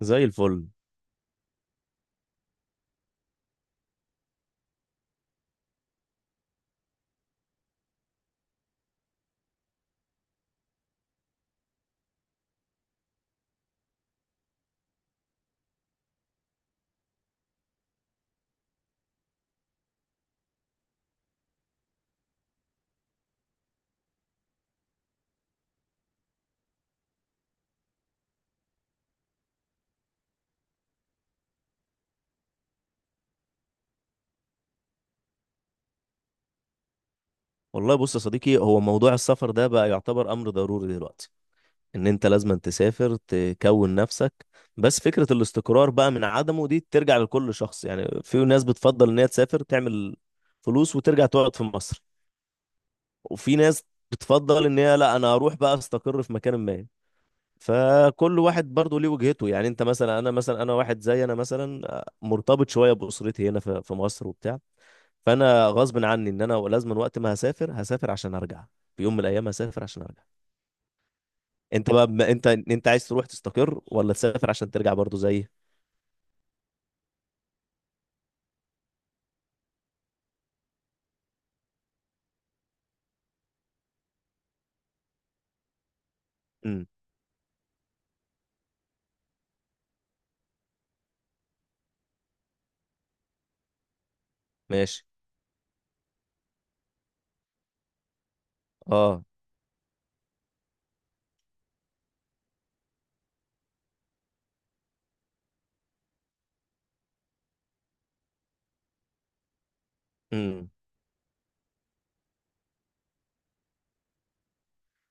زي الفل. والله بص يا صديقي، هو موضوع السفر ده بقى يعتبر أمر ضروري دلوقتي. إن أنت لازم تسافر تكون نفسك. بس فكرة الاستقرار بقى من عدمه دي ترجع لكل شخص. يعني في ناس بتفضل إن هي تسافر تعمل فلوس وترجع تقعد في مصر. وفي ناس بتفضل إن هي لا، أنا أروح بقى أستقر في مكان ما. فكل واحد برضه ليه وجهته. يعني أنت مثلا، أنا مثلا، أنا واحد زي، أنا مثلا مرتبط شوية بأسرتي هنا في مصر وبتاع. فانا غصب عني ان انا لازم، وقت ما هسافر هسافر عشان ارجع. في يوم من الايام هسافر عشان ارجع. انت بقى، بما انت عايز تروح تستقر ولا تسافر عشان ترجع برضو زي. امم. ماشي. اه. امم.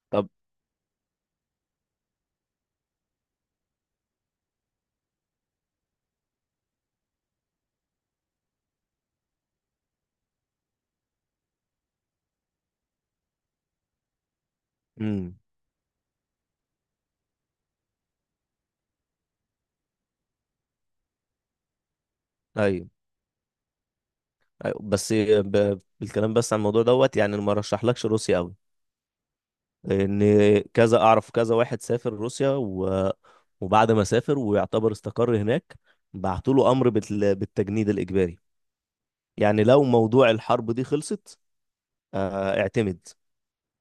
طب. امم. ايوه، ايوه. بس بالكلام، بس عن الموضوع دوت، يعني ما رشحلكش روسيا قوي. ان كذا اعرف، كذا واحد سافر روسيا وبعد ما سافر ويعتبر استقر هناك بعتوا له امر بالتجنيد الاجباري. يعني لو موضوع الحرب دي خلصت، اعتمد.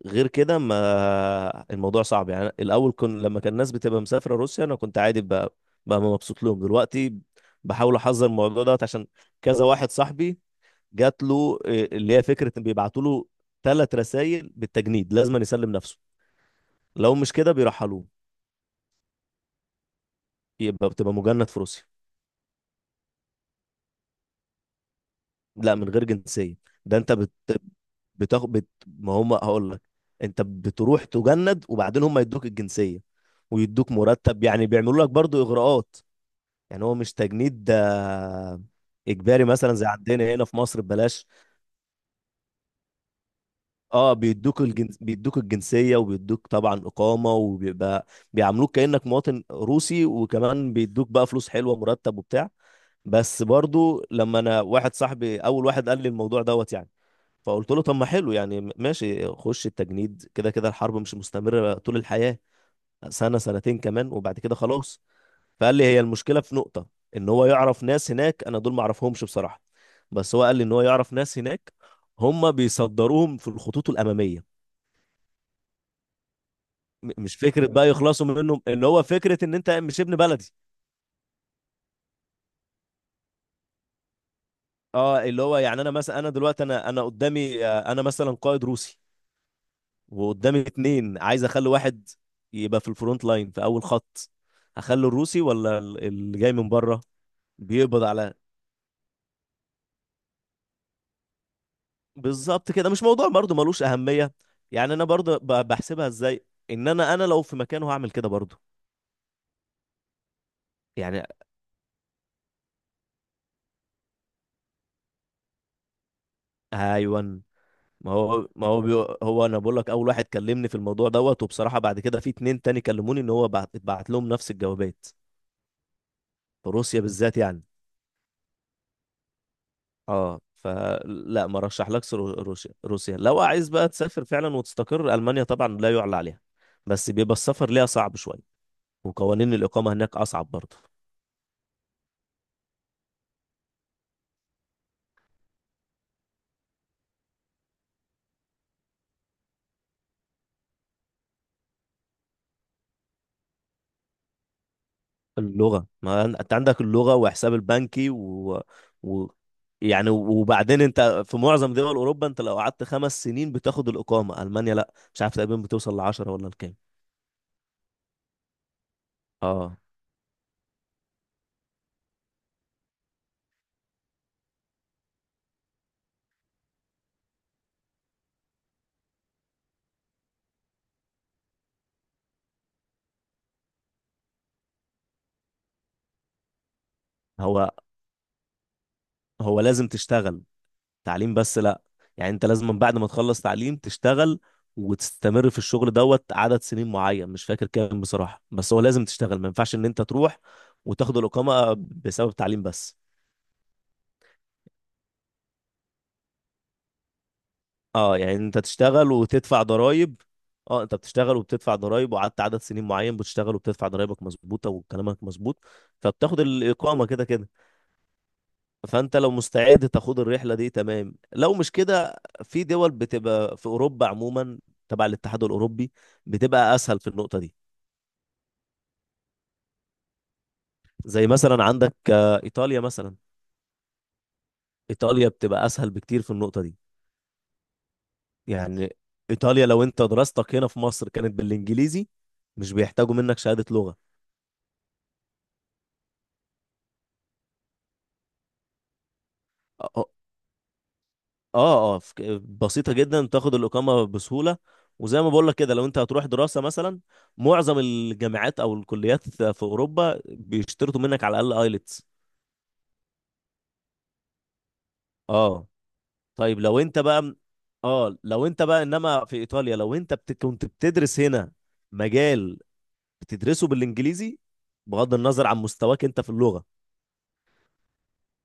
غير كده ما الموضوع صعب. يعني الاول لما كان الناس بتبقى مسافره روسيا انا كنت عادي بقى، بقى مبسوط لهم دلوقتي. بحاول احذر الموضوع دوت عشان كذا واحد صاحبي جات له اللي هي فكره ان بيبعتوا له ثلاث رسائل بالتجنيد لازم يسلم نفسه. لو مش كده بيرحلوه. يبقى بتبقى مجند في روسيا. لا، من غير جنسيه. ده انت بتاخد، ما هم هقول لك. انت بتروح تجند وبعدين هم يدوك الجنسيه ويدوك مرتب، يعني بيعملوا لك برضو اغراءات. يعني هو مش تجنيد ده اجباري مثلا زي عندنا هنا في مصر ببلاش. اه، بيدوك الجنسيه وبيدوك طبعا اقامه وبيبقى بيعاملوك كانك مواطن روسي، وكمان بيدوك بقى فلوس حلوه، مرتب وبتاع. بس برضو لما انا واحد صاحبي اول واحد قال لي الموضوع دوت يعني فقلت له، طب ما حلو يعني، ماشي خش التجنيد، كده كده الحرب مش مستمره طول الحياه، سنه سنتين كمان وبعد كده خلاص. فقال لي هي المشكله في نقطه. ان هو يعرف ناس هناك، انا دول ما اعرفهمش بصراحه. بس هو قال لي ان هو يعرف ناس هناك هم بيصدروهم في الخطوط الاماميه. مش فكره بقى يخلصوا منهم، اللي هو فكره ان انت مش ابن بلدي. اه، اللي هو يعني، انا مثلا، انا دلوقتي، انا قدامي، انا مثلا قائد روسي وقدامي اتنين عايز اخلي واحد يبقى في الفرونت لاين في اول خط، هخلي الروسي ولا اللي جاي من بره؟ بيقبض على، بالظبط كده. مش موضوع برضو ملوش أهمية. يعني أنا برضو بحسبها إزاي، إن أنا لو في مكانه هعمل كده برضو. يعني. أيوة. ما هو هو أنا بقول لك، أول واحد كلمني في الموضوع دوت وبصراحة بعد كده في اتنين تاني كلموني، إن هو اتبعت لهم نفس الجوابات. في روسيا بالذات يعني. أه، فلا ما رشحلكش روسيا. لو عايز بقى تسافر فعلا وتستقر، ألمانيا طبعا لا يعلى عليها. بس بيبقى السفر ليها صعب شوية، وقوانين الإقامة هناك أصعب برضو. اللغة. ما انت عندك اللغة، وحساب البنكي و... يعني وبعدين انت في معظم دول اوروبا انت لو قعدت 5 سنين بتاخد الاقامة. المانيا لا، مش عارف، تقريبا بتوصل لـ10 ولا لكام. اه، هو هو لازم تشتغل، تعليم بس لا. يعني انت لازم من بعد ما تخلص تعليم تشتغل وتستمر في الشغل دوت عدد سنين معين، مش فاكر كام بصراحة. بس هو لازم تشتغل، ما ينفعش ان انت تروح وتاخد الاقامة بسبب تعليم بس. اه، يعني انت تشتغل وتدفع ضرائب. اه، انت بتشتغل وبتدفع ضرائب، وقعدت عدد سنين معين بتشتغل وبتدفع ضرائبك مظبوطه وكلامك مظبوط، فبتاخد الاقامه كده كده. فانت لو مستعد تاخد الرحله دي، تمام. لو مش كده، في دول بتبقى في اوروبا عموما تبع الاتحاد الاوروبي بتبقى اسهل في النقطه دي. زي مثلا عندك، ايطاليا مثلا. ايطاليا بتبقى اسهل بكتير في النقطه دي. يعني ايطاليا لو انت دراستك هنا في مصر كانت بالانجليزي، مش بيحتاجوا منك شهاده لغه. اه، اه، بسيطة جدا تاخد الإقامة بسهولة. وزي ما بقول لك كده، لو انت هتروح دراسة مثلا، معظم الجامعات او الكليات في اوروبا بيشترطوا منك على الاقل ايلتس. اه طيب، لو انت بقى، اه لو انت بقى، انما في ايطاليا لو انت كنت بتدرس هنا مجال بتدرسه بالانجليزي، بغض النظر عن مستواك انت في اللغة.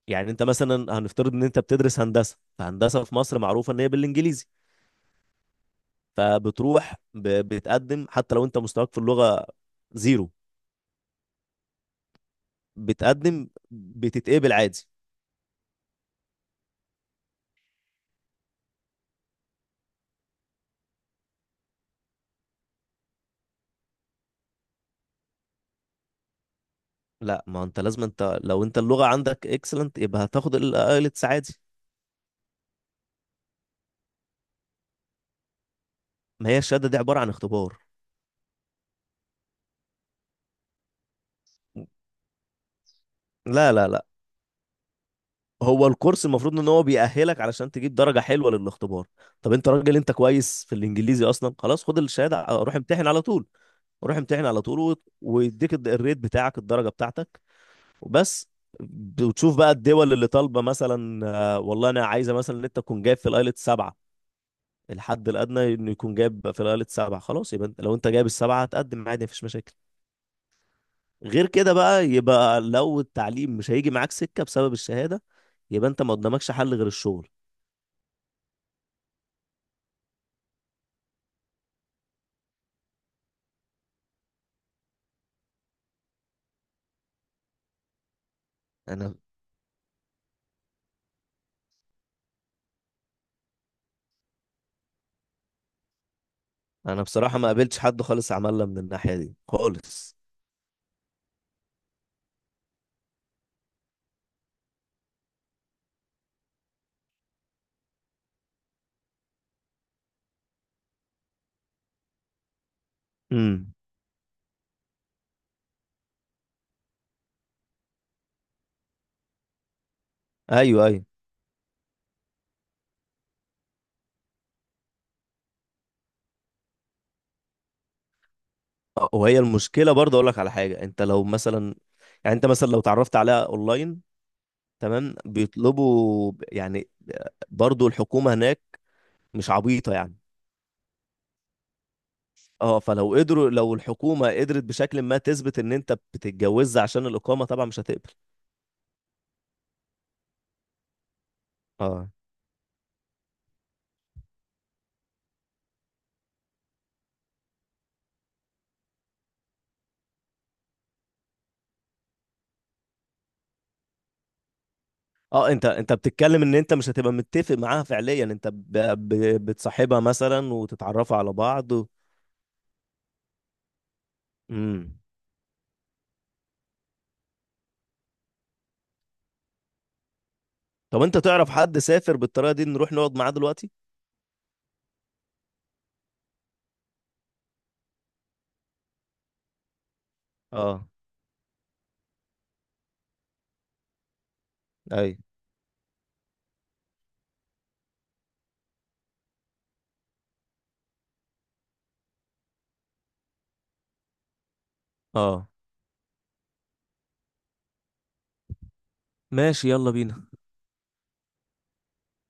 يعني انت مثلا، هنفترض ان انت بتدرس هندسة، فهندسة في مصر معروفة ان هي بالانجليزي، فبتروح بتقدم حتى لو انت مستواك في اللغة 0. بتقدم، بتتقبل عادي. لا، ما انت لازم، انت لو اللغة عندك اكسلنت يبقى هتاخد الايلتس عادي. ما هي الشهادة دي عبارة عن اختبار. لا، لا، لا، هو الكورس المفروض ان هو بيأهلك علشان تجيب درجة حلوة للاختبار. طب انت راجل، انت كويس في الانجليزي اصلا، خلاص خد الشهادة روح امتحن على طول. روح امتحن على طول ويديك الريت بتاعك، الدرجة بتاعتك، وبس. بتشوف بقى الدول اللي طالبه مثلا، والله انا عايزه مثلا ان انت تكون جايب في الايلت 7. الحد الادنى انه يكون جايب في الايلت 7، خلاص يبقى لو انت جايب الـ7 هتقدم عادي مفيش مشاكل. غير كده بقى، يبقى لو التعليم مش هيجي معاك سكه بسبب الشهاده، يبقى انت ما قدامكش حل غير الشغل. انا انا بصراحه ما قابلتش حد خالص عملنا من الناحيه دي خالص. امم. ايوه، ايوه. وهي المشكله برضه، اقول لك على حاجه، انت لو مثلا، يعني انت مثلا لو اتعرفت عليها اونلاين، تمام، بيطلبوا يعني، برضو الحكومة هناك مش عبيطة يعني. اه، فلو قدروا، لو الحكومة قدرت بشكل ما تثبت ان انت بتتجوزها عشان الإقامة، طبعا مش هتقبل. اه، اه، انت بتتكلم ان انت مش هتبقى متفق معاها فعليا، انت ب... بتصاحبها مثلا وتتعرفوا على بعض امم. طب انت تعرف حد سافر بالطريقة دي نروح نقعد معاه دلوقتي؟ اه. اي. اه. ماشي، يلا بينا.